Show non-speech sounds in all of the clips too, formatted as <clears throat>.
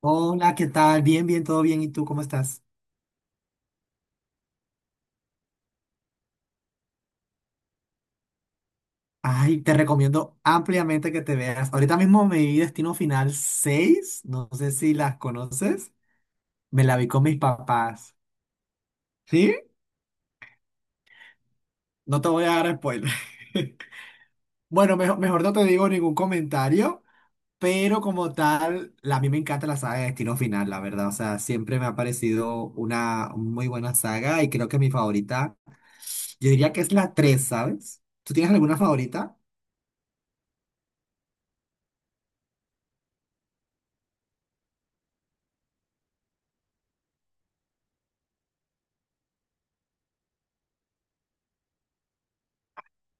Hola, ¿qué tal? Bien, bien, todo bien. ¿Y tú cómo estás? Ay, te recomiendo ampliamente que te veas. Ahorita mismo me vi Destino Final seis. No sé si las conoces. Me la vi con mis papás. ¿Sí? No te voy a dar spoiler. <laughs> Bueno, mejor no te digo ningún comentario, pero como tal, a mí me encanta la saga de Destino Final, la verdad. O sea, siempre me ha parecido una muy buena saga y creo que mi favorita. Yo diría que es la 3, ¿sabes? ¿Tú tienes alguna favorita?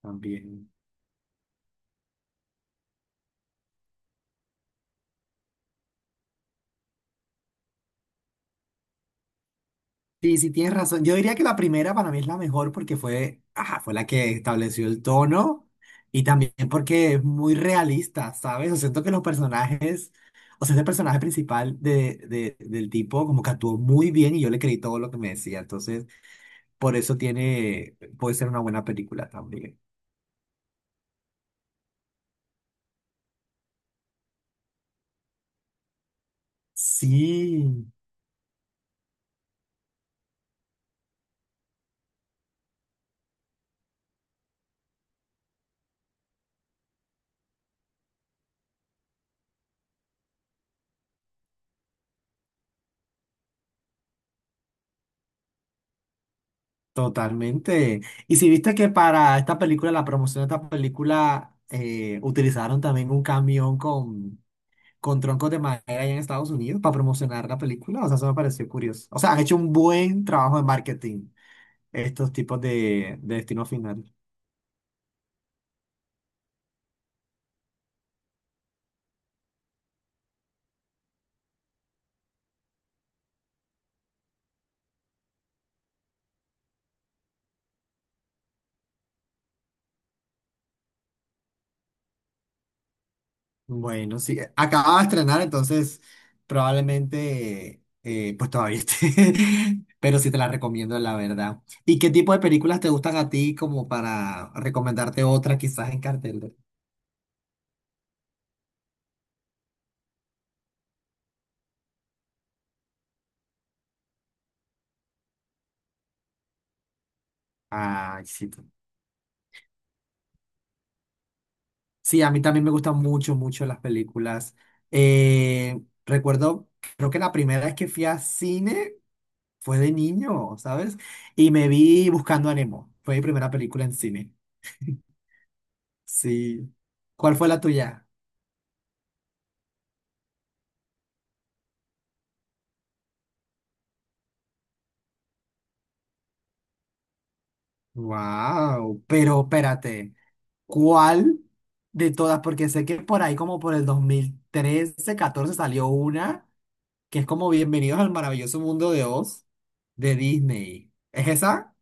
También. Sí, sí, tienes razón. Yo diría que la primera para mí es la mejor porque ajá, fue la que estableció el tono y también porque es muy realista, ¿sabes? O siento que los personajes, o sea, ese personaje principal del tipo como que actuó muy bien y yo le creí todo lo que me decía. Entonces, por eso tiene, puede ser una buena película también. Sí, totalmente. Y si viste que para esta película, la promoción de esta película, utilizaron también un camión con troncos de madera allá en Estados Unidos para promocionar la película, o sea, eso me pareció curioso. O sea, han hecho un buen trabajo de marketing estos tipos de destino final. Bueno, sí, acababa de estrenar, entonces probablemente, pues todavía esté, <laughs> pero sí te la recomiendo, la verdad. ¿Y qué tipo de películas te gustan a ti como para recomendarte otra quizás en cartel? Ah, sí. Tú. Sí, a mí también me gustan mucho, mucho las películas. Eh, Recuerdo, creo que la primera vez que fui a cine fue de niño, ¿sabes? Y me vi Buscando a Nemo. Fue mi primera película en cine. Sí. ¿Cuál fue la tuya? Wow, pero espérate, ¿cuál de todas? Porque sé que por ahí como por el 2013, 14 salió una que es como Bienvenidos al maravilloso mundo de Oz de Disney. ¿Es esa?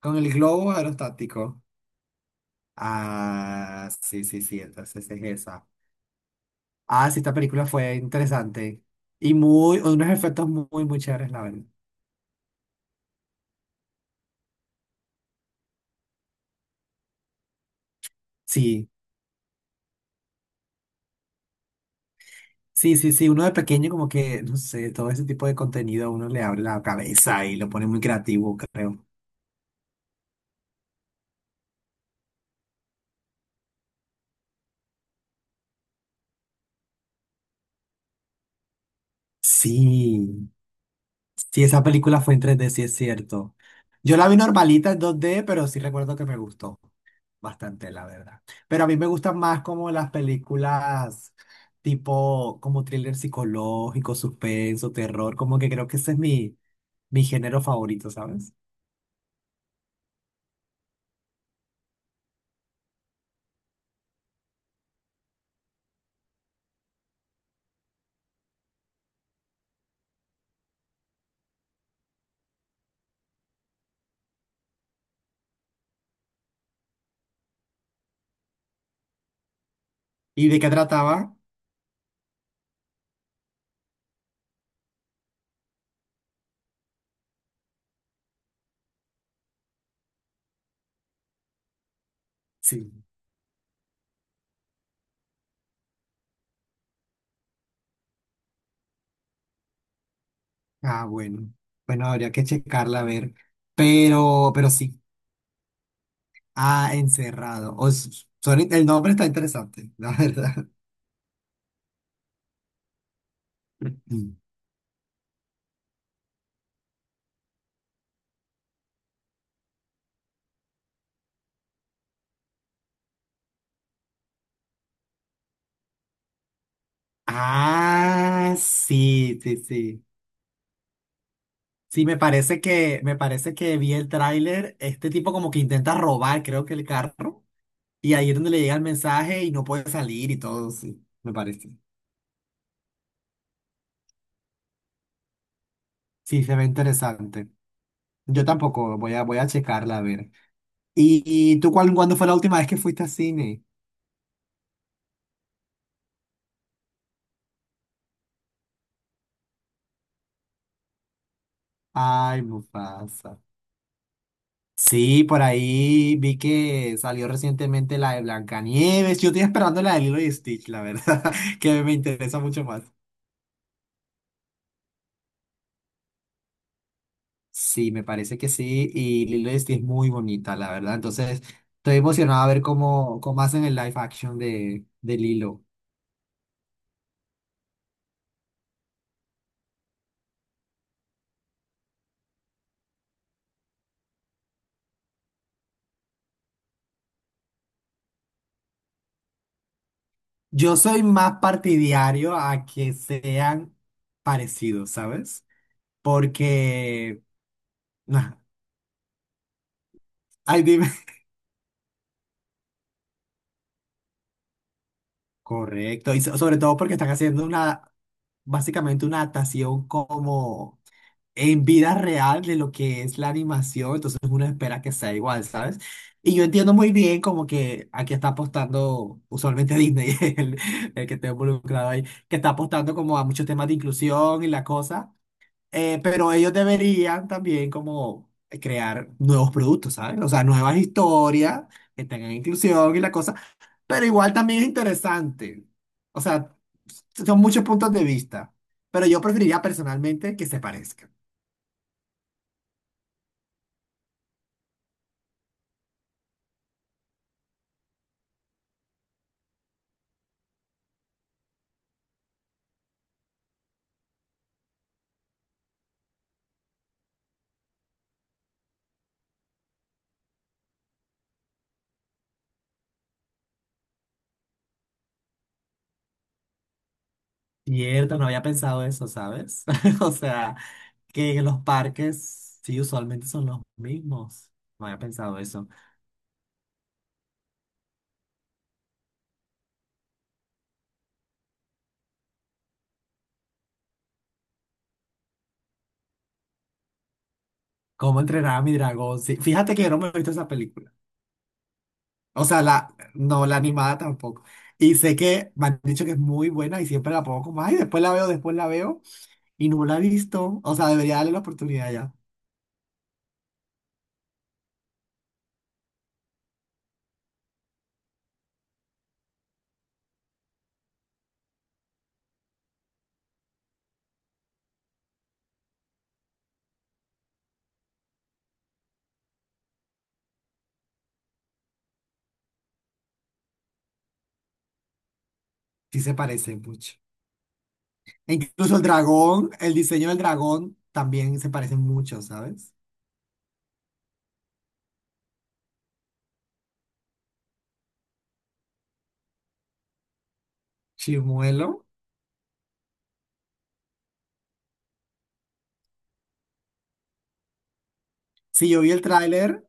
Con el globo aerostático. Ah, sí, sí, sí, entonces es esa. Ah, sí, esta película fue interesante y muy, unos efectos muy, muy chéveres, la verdad. Sí. Sí, sí, sí, uno de pequeño como que, no sé, todo ese tipo de contenido a uno le abre la cabeza y lo pone muy creativo, creo. Sí, sí, esa película fue en 3D, sí es cierto. Yo la vi normalita en 2D, pero sí recuerdo que me gustó bastante, la verdad. Pero a mí me gustan más como las películas tipo como thriller psicológico, suspenso, terror, como que creo que ese es mi género favorito, ¿sabes? ¿Y de qué trataba? Sí. Ah, bueno. Bueno, habría que checarla a ver. Pero sí. Ah, Encerrado. Son el nombre está interesante, <laughs> la verdad. Mm. Ah, sí, sí, sí. Sí, me parece que vi el tráiler. Este tipo como que intenta robar, creo que el carro. Y ahí es donde le llega el mensaje y no puede salir y todo, sí, me parece. Sí, se ve interesante. Yo tampoco, voy a checarla a ver. ¿Y tú cuándo fue la última vez que fuiste al cine? Ay, Mufasa. Sí, por ahí vi que salió recientemente la de Blancanieves. Yo estoy esperando la de Lilo y Stitch, la verdad, <laughs> que me interesa mucho más. Sí, me parece que sí. Y Lilo y Stitch es muy bonita, la verdad. Entonces, estoy emocionado a ver cómo hacen el live action de Lilo. Yo soy más partidario a que sean parecidos, ¿sabes? Porque. Nah, ay, dime. <laughs> Correcto. Y sobre todo porque están haciendo una. Básicamente una adaptación como en vida real de lo que es la animación, entonces uno espera que sea igual, ¿sabes? Y yo entiendo muy bien como que aquí está apostando, usualmente Disney, <laughs> el que está involucrado ahí, que está apostando como a muchos temas de inclusión y la cosa, pero ellos deberían también como crear nuevos productos, ¿sabes? O sea, nuevas historias que tengan inclusión y la cosa. Pero igual también es interesante. O sea, son muchos puntos de vista. Pero yo preferiría personalmente que se parezcan. Cierto, no había pensado eso, ¿sabes? <laughs> O sea, que los parques sí usualmente son los mismos. No había pensado eso. ¿Cómo entrenar a mi dragón? Sí, fíjate que yo no me he visto esa película. O sea, la, no, la animada tampoco. Y sé que me han dicho que es muy buena y siempre la pongo como, ay, después la veo, después la veo. Y no la he visto. O sea, debería darle la oportunidad ya. Sí se parecen mucho. E incluso el dragón, el diseño del dragón también se parece mucho, ¿sabes? Chimuelo. Si yo vi el tráiler,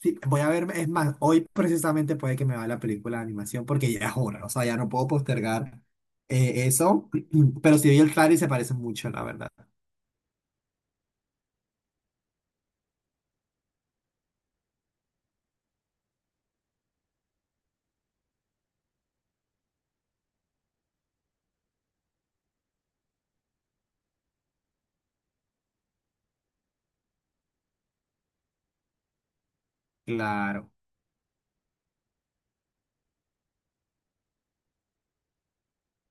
sí, voy a ver, es más, hoy precisamente puede que me vaya la película de animación porque ya es hora, o sea, ya no puedo postergar eso, <clears throat> pero si vi el tráiler y se parece mucho, la verdad. Claro,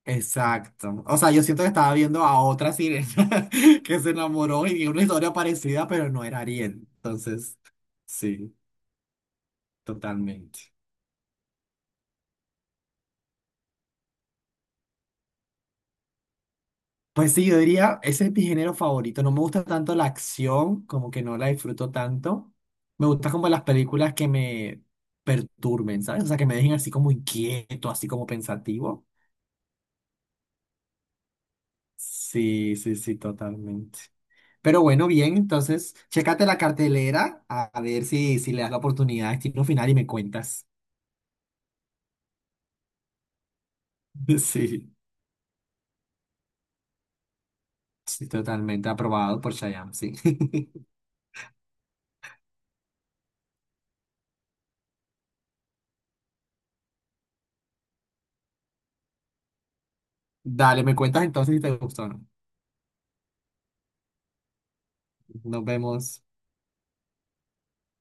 exacto. O sea, yo siento que estaba viendo a otra sirena <laughs> que se enamoró y vi una historia parecida, pero no era Ariel. Entonces, sí, totalmente. Pues sí, yo diría, ese es mi género favorito. No me gusta tanto la acción, como que no la disfruto tanto. Me gusta como las películas que me perturben, ¿sabes? O sea, que me dejen así como inquieto, así como pensativo. Sí, sí, sí, totalmente. Pero bueno, bien, entonces, chécate la cartelera a ver si le das la oportunidad a Destino Final y me cuentas. <laughs> Sí, sí, totalmente aprobado por Shyam, sí. <laughs> Dale, me cuentas entonces si te gustó o no. Nos vemos.